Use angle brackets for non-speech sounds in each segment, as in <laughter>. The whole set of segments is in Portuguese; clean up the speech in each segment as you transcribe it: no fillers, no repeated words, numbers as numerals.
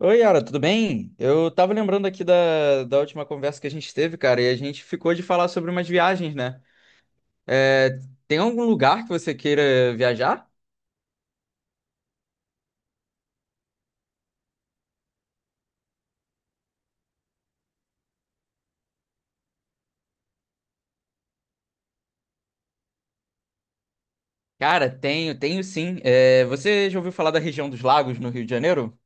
Oi, Yara, tudo bem? Eu tava lembrando aqui da última conversa que a gente teve, cara, e a gente ficou de falar sobre umas viagens, né? É, tem algum lugar que você queira viajar? Cara, tenho, tenho sim. Você já ouviu falar da região dos lagos no Rio de Janeiro?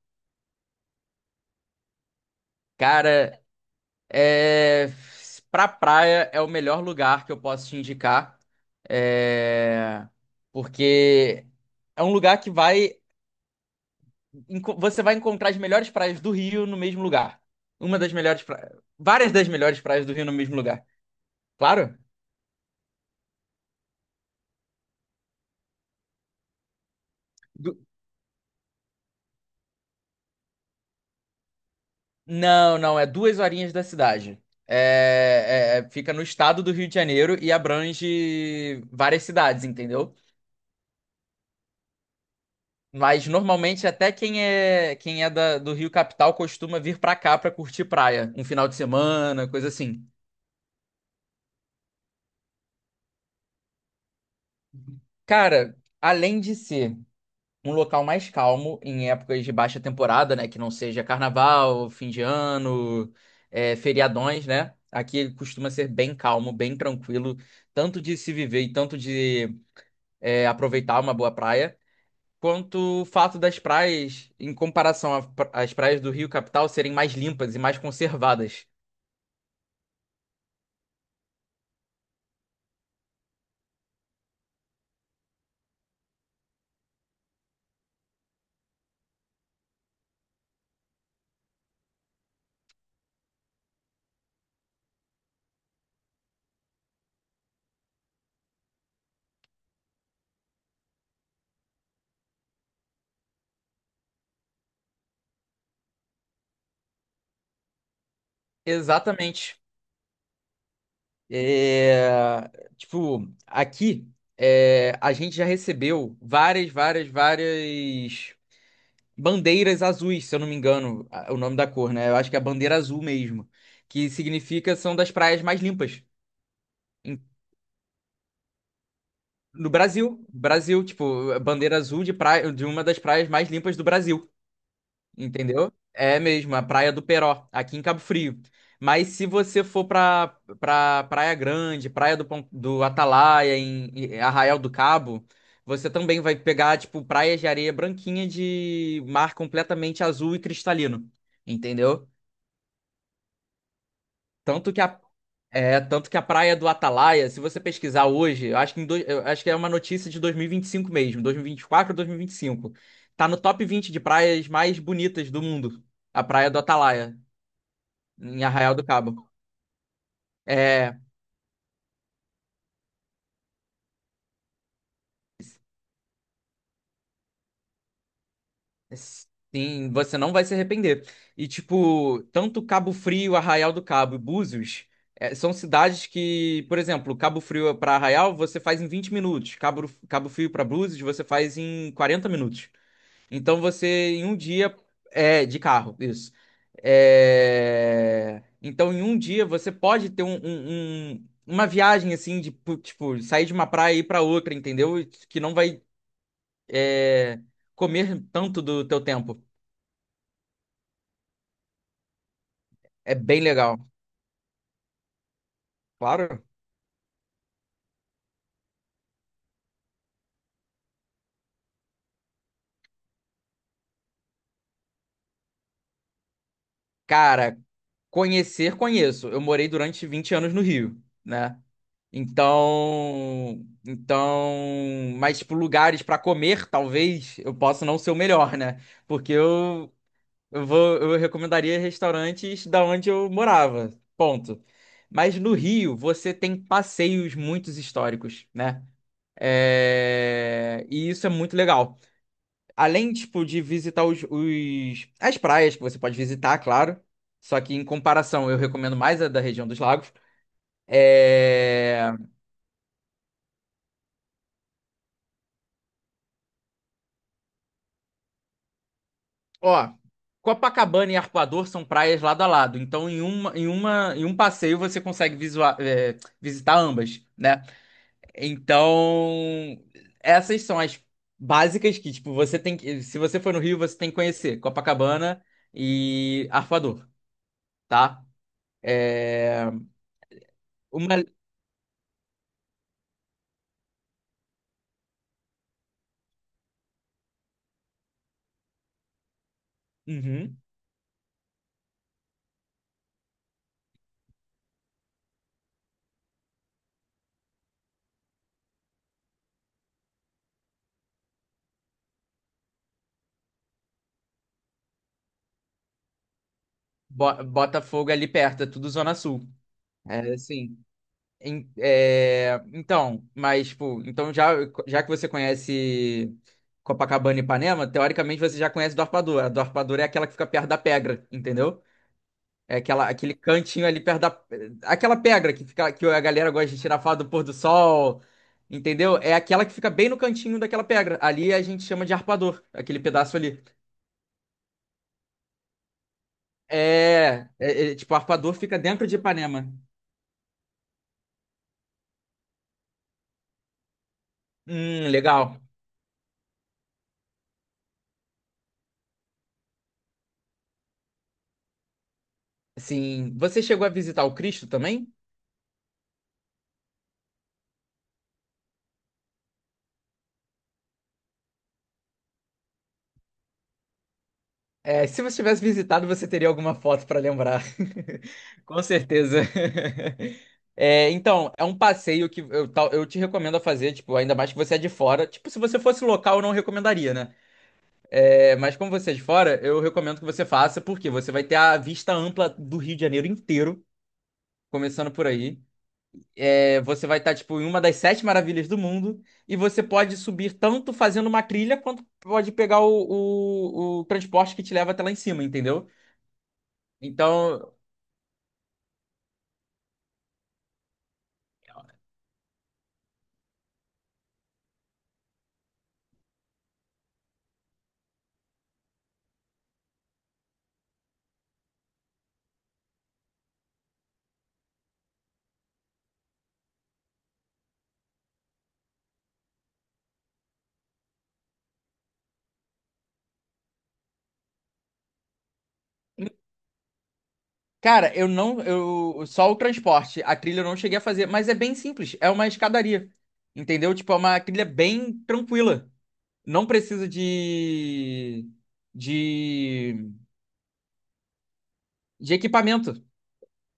Cara, é, pra praia é o melhor lugar que eu posso te indicar, é, porque é um lugar você vai encontrar as melhores praias do Rio no mesmo lugar. Uma das melhores praias. Várias das melhores praias do Rio no mesmo lugar. Claro. Du- Não, não, é 2 horinhas da cidade. Fica no estado do Rio de Janeiro e abrange várias cidades, entendeu? Mas normalmente até quem é do Rio Capital costuma vir pra cá pra curtir praia, um final de semana, coisa assim. Cara, além de ser um local mais calmo em épocas de baixa temporada, né? Que não seja carnaval, fim de ano, feriadões, né? Aqui costuma ser bem calmo, bem tranquilo, tanto de se viver e tanto de aproveitar uma boa praia, quanto o fato das praias, em comparação às praias do Rio Capital, serem mais limpas e mais conservadas. Exatamente. É, tipo, aqui a gente já recebeu várias, várias, várias bandeiras azuis, se eu não me engano, o nome da cor, né? Eu acho que é a bandeira azul mesmo, que significa são das praias mais limpas. Em- No Brasil, Brasil, tipo, a bandeira azul de praia, de uma das praias mais limpas do Brasil, entendeu? É mesmo, a Praia do Peró, aqui em Cabo Frio. Mas se você for pra Praia Grande, Praia do Atalaia, em Arraial do Cabo, você também vai pegar, tipo, praias de areia branquinha de mar completamente azul e cristalino, entendeu? Tanto que a praia do Atalaia, se você pesquisar hoje, eu acho que é uma notícia de dois mil e vinte e cinco mesmo, 2024 ou 2025. Tá no top 20 de praias mais bonitas do mundo, a praia do Atalaia, em Arraial do Cabo. É, sim, você não vai se arrepender. E, tipo, tanto Cabo Frio, Arraial do Cabo e Búzios, são cidades que, por exemplo, Cabo Frio para Arraial você faz em 20 minutos, Cabo Frio para Búzios você faz em 40 minutos. Então você, em um dia, de carro, isso. Então, em um dia, você pode ter uma viagem, assim, tipo, sair de uma praia e ir pra outra, entendeu? Que não vai, é, comer tanto do teu tempo. É bem legal. Claro. Cara, conhecer, conheço. Eu morei durante 20 anos no Rio, né? Então, mas tipo, lugares pra comer, talvez eu possa não ser o melhor, né? Porque eu recomendaria restaurantes da onde eu morava, ponto. Mas no Rio, você tem passeios muito históricos, né? E isso é muito legal. Além, tipo, de visitar as praias que você pode visitar, claro. Só que em comparação, eu recomendo mais a da região dos lagos. É... Ó, Copacabana e Arpoador são praias lado a lado. Então, em um passeio você consegue visitar ambas, né? Então, essas são as básicas que, tipo, você tem que. Se você for no Rio, você tem que conhecer Copacabana e Arpoador, tá? É... Uma... Uhum. Botafogo é ali perto, é tudo Zona Sul. É assim. Então, mas, tipo, já que você conhece Copacabana e Ipanema, teoricamente você já conhece Dorpadura. A Dorpadura é aquela que fica perto da Pedra, entendeu? É aquela, aquele cantinho ali perto da. Aquela pedra que fica, que a galera gosta de tirar foto do pôr do sol, entendeu? É aquela que fica bem no cantinho daquela pedra. Ali a gente chama de arpador, aquele pedaço ali. Tipo, arpador fica dentro de Ipanema. Legal. Assim, você chegou a visitar o Cristo também? Se você tivesse visitado, você teria alguma foto para lembrar. <laughs> Com certeza. <laughs> Então, é um passeio que eu te recomendo a fazer, tipo, ainda mais que você é de fora. Tipo, se você fosse local, eu não recomendaria, né? Mas como você é de fora, eu recomendo que você faça, porque você vai ter a vista ampla do Rio de Janeiro inteiro, começando por aí. Você vai estar, tipo, em uma das sete maravilhas do mundo e você pode subir tanto fazendo uma trilha quanto pode pegar o transporte que te leva até lá em cima, entendeu? Então, cara, eu não, eu só o transporte, a trilha eu não cheguei a fazer, mas é bem simples, é uma escadaria, entendeu? Tipo, é uma trilha bem tranquila, não precisa de de equipamento.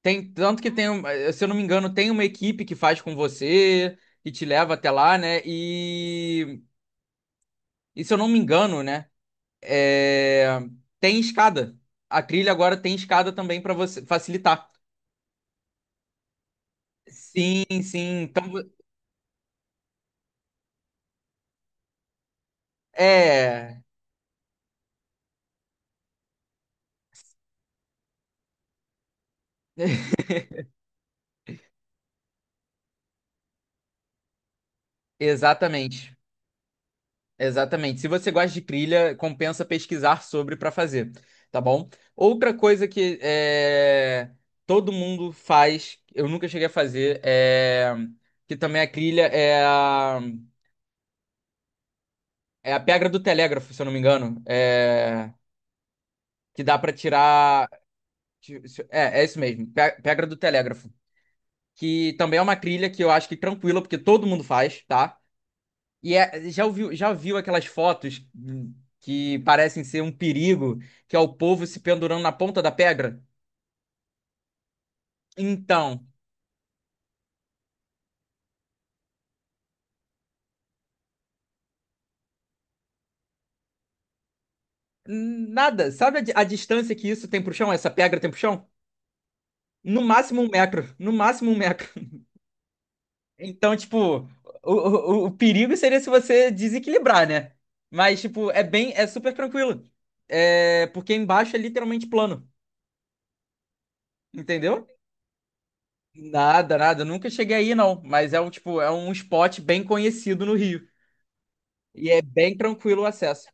Tem tanto que tem, se eu não me engano, tem uma equipe que faz com você, que te leva até lá, né? E, se eu não me engano, né? é, tem escada. A trilha agora tem escada também para você facilitar. Sim, sim. Então, é, <laughs> exatamente. Exatamente. Se você gosta de trilha, compensa pesquisar sobre para fazer, tá bom? Outra coisa que é, todo mundo faz, eu nunca cheguei a fazer, que também é trilha, é a pedra do telégrafo, se eu não me engano, que dá para tirar. É, isso mesmo, pedra do telégrafo. Que também é uma trilha que eu acho que tranquila, porque todo mundo faz, tá? Já ouviu, já viu aquelas fotos que parecem ser um perigo, que é o povo se pendurando na ponta da pedra? Então, nada. Sabe a distância que isso tem pro chão? Essa pedra tem pro chão? No máximo 1 metro. No máximo 1 metro. <laughs> Então, tipo, o perigo seria se você desequilibrar, né? Mas, tipo, é bem, é super tranquilo. É, porque embaixo é literalmente plano, entendeu? Nada, nada. Eu nunca cheguei aí, não. Mas é um, tipo, é um spot bem conhecido no Rio. E é bem tranquilo o acesso.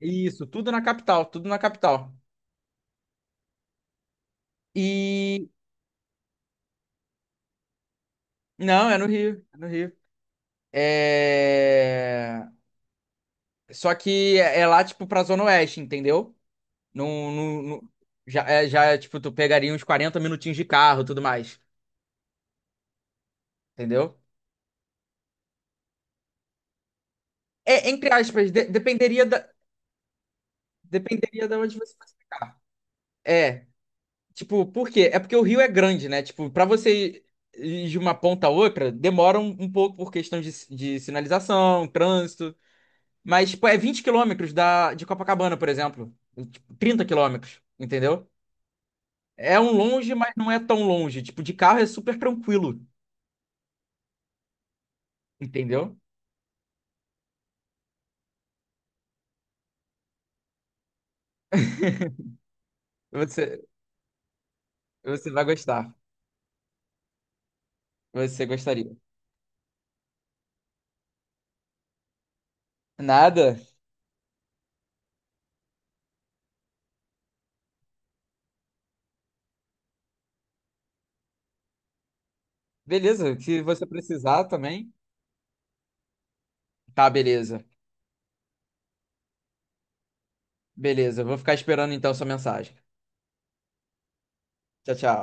Isso, tudo na capital, tudo na capital. E não, é no Rio, é no Rio. É só que é lá tipo pra Zona Oeste, entendeu? Não, não, já é, tipo tu pegaria uns 40 minutinhos de carro, tudo mais, entendeu? É, entre aspas, dependeria da onde você fosse ficar. É, Tipo por quê? É porque o rio é grande, né? Tipo, pra você ir de uma ponta a outra, demora um pouco por questão de sinalização, trânsito. Mas, tipo, é 20 quilômetros da, de Copacabana, por exemplo. Tipo, 30 quilômetros, entendeu? É um longe, mas não é tão longe. Tipo, de carro é super tranquilo, entendeu? Você, você vai gostar. Você gostaria. Nada? Beleza, se você precisar também. Tá, beleza. Beleza, eu vou ficar esperando então sua mensagem. Tchau, tchau.